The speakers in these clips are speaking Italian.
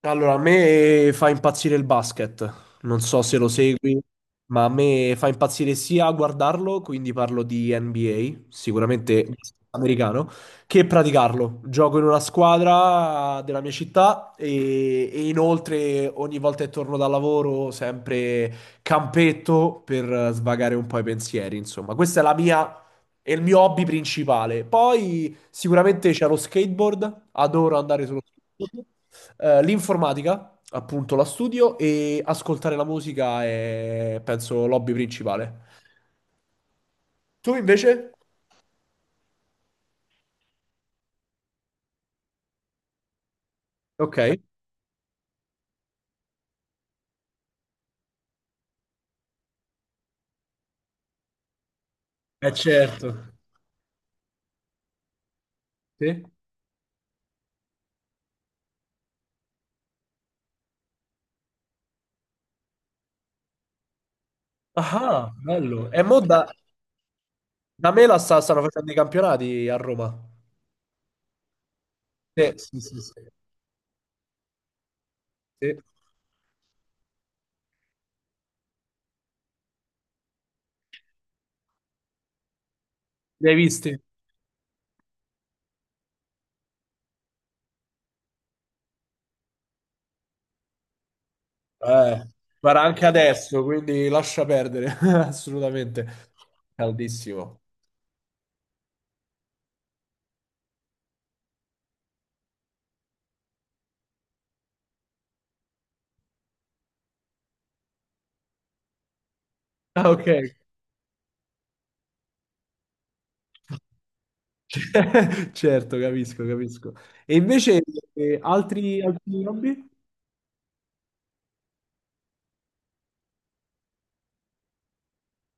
Allora, a me fa impazzire il basket, non so se lo segui, ma a me fa impazzire sia guardarlo, quindi parlo di NBA, sicuramente americano, che praticarlo. Gioco in una squadra della mia città e inoltre ogni volta che torno dal lavoro sempre campetto per svagare un po' i pensieri, insomma. Questa è la mia... È il mio hobby principale. Poi sicuramente c'è lo skateboard, adoro andare sullo skateboard. L'informatica, appunto, la studio e ascoltare la musica è, penso, l'hobby principale. Tu invece? Ok. Eh, certo. Sì. Ah, bello. E bello. Mo da, da me la stanno facendo i campionati a Roma. Sì, sì, sì, sì, sì. Li hai visti? Eh, guarda, anche adesso, quindi lascia perdere, assolutamente. Caldissimo. Ah, ok. Certo, capisco, capisco. E invece altri hobby?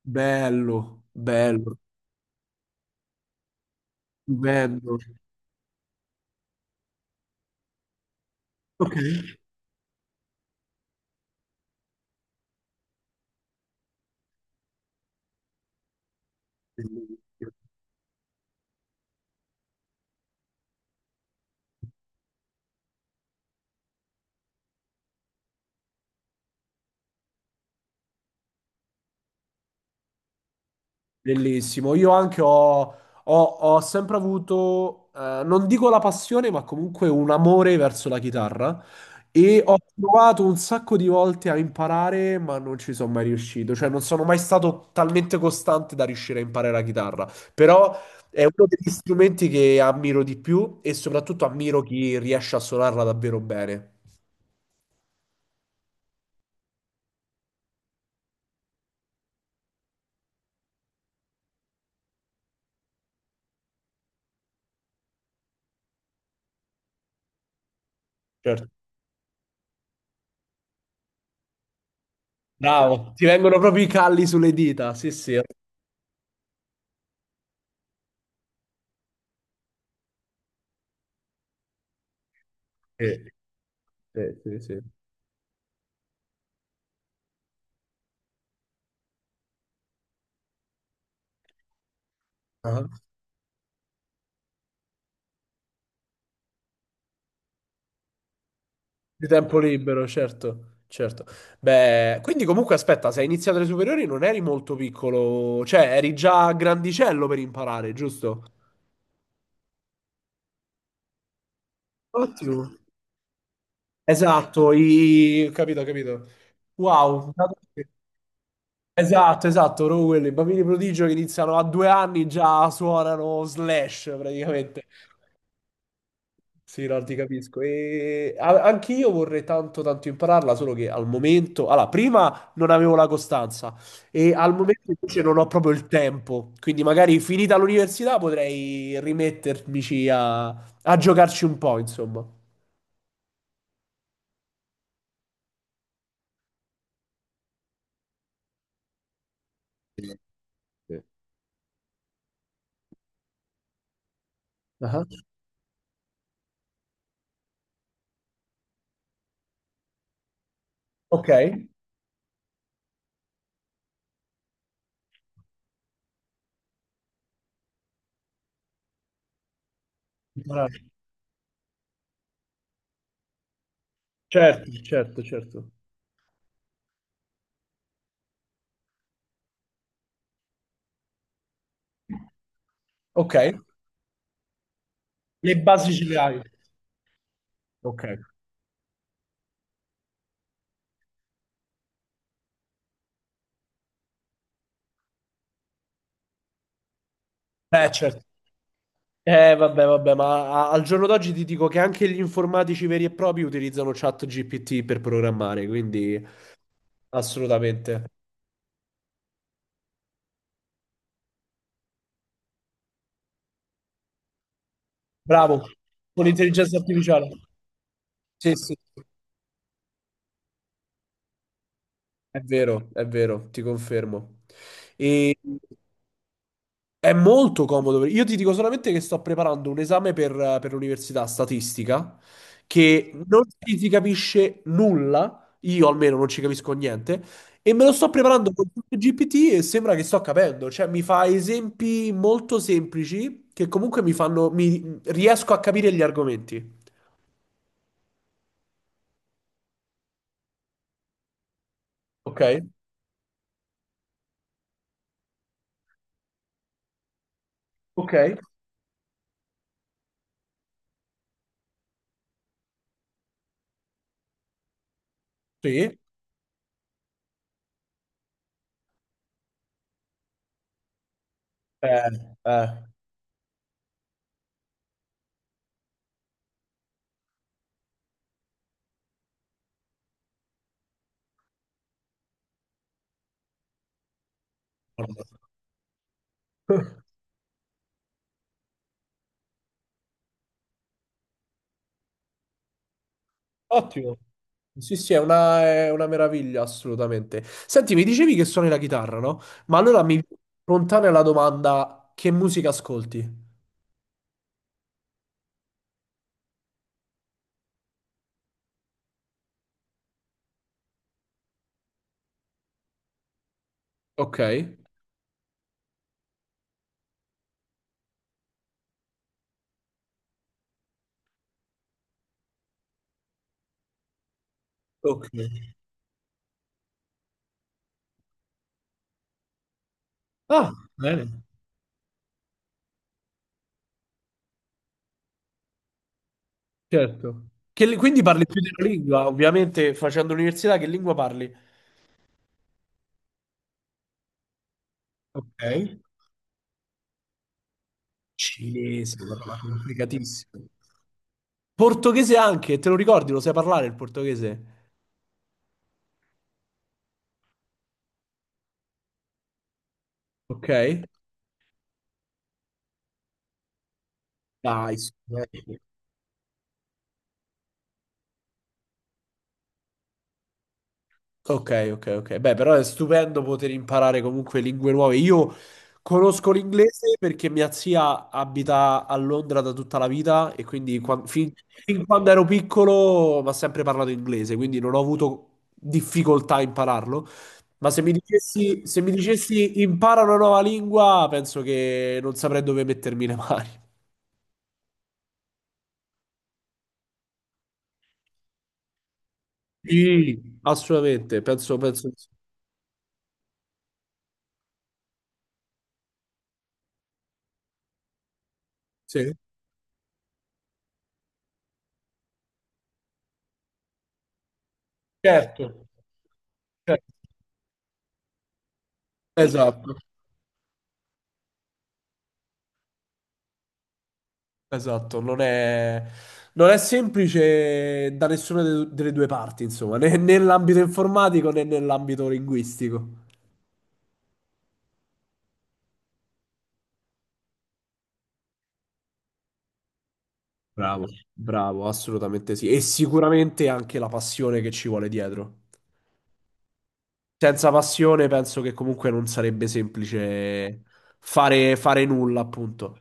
Bello, bello, bello. Ok. Bellissimo. Io anche ho- ho sempre avuto, non dico la passione, ma comunque un amore verso la chitarra e ho provato un sacco di volte a imparare, ma non ci sono mai riuscito. Cioè, non sono mai stato talmente costante da riuscire a imparare la chitarra. Però è uno degli strumenti che ammiro di più e soprattutto ammiro chi riesce a suonarla davvero bene. Certo. Bravo, ti vengono proprio i calli sulle dita. Sì, sì. Sì, sì, sì, sì. Ah. Di tempo libero, certo, certo. Beh, quindi comunque aspetta, se hai iniziato le superiori non eri molto piccolo, cioè eri già grandicello per imparare, giusto? Ottimo. Esatto, i... capito, capito. Wow. Esatto, esatto, proprio quello, i bambini prodigio che iniziano a due anni già suonano Slash praticamente. Sì, no, ti capisco. E anch'io vorrei tanto tanto impararla, solo che al momento, allora, prima non avevo la costanza e al momento invece non ho proprio il tempo, quindi magari finita l'università potrei rimettermici a giocarci un po', insomma. Sì. Ah. Ok. Imparare. Certo, certo, certo. Ok. Le basi ce le hai. Ok. Certo. Vabbè, vabbè, ma al giorno d'oggi ti dico che anche gli informatici veri e propri utilizzano ChatGPT per programmare, quindi assolutamente. Bravo, con l'intelligenza artificiale. Sì, sì, sì, è vero, ti confermo. E è molto comodo. Io ti dico solamente che sto preparando un esame per l'università statistica che non ci si capisce nulla, io almeno non ci capisco niente, e me lo sto preparando con GPT e sembra che sto capendo. Cioè, mi fa esempi molto semplici che comunque mi riesco a capire gli argomenti. Ok? Ok. Sì. Eh, eh. Ottimo. Sì, sì, è una meraviglia, assolutamente. Senti, mi dicevi che suoni la chitarra, no? Ma allora mi spontanea la domanda, che musica ascolti? Ok. Ok. Ah, bene, certo. Che quindi parli più della lingua, ovviamente, facendo l'università, che lingua parli? Ok. Cinese, una roba complicatissima. Portoghese anche, te lo ricordi? Lo sai parlare il portoghese? Ok. Dai, sì. Ok, ok, ok. Beh, però è stupendo poter imparare comunque lingue nuove. Io conosco l'inglese perché mia zia abita a Londra da tutta la vita e quindi fin quando ero piccolo mi ha sempre parlato inglese, quindi non ho avuto difficoltà a impararlo. Ma se mi dicessi, se mi dicessi impara una nuova lingua, penso che non saprei dove mettermi le mani. Sì, assolutamente, penso, penso di sì. Sì. Certo, certo. Esatto. Esatto, non è, non è semplice da nessuna delle due parti, insomma, né nell'ambito informatico né nell'ambito linguistico. Bravo. Bravo, assolutamente sì. E sicuramente anche la passione che ci vuole dietro. Senza passione penso che comunque non sarebbe semplice fare, fare nulla, appunto.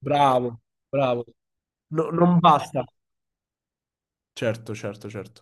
Bravo, bravo. No- non basta. Certo, certo, certo.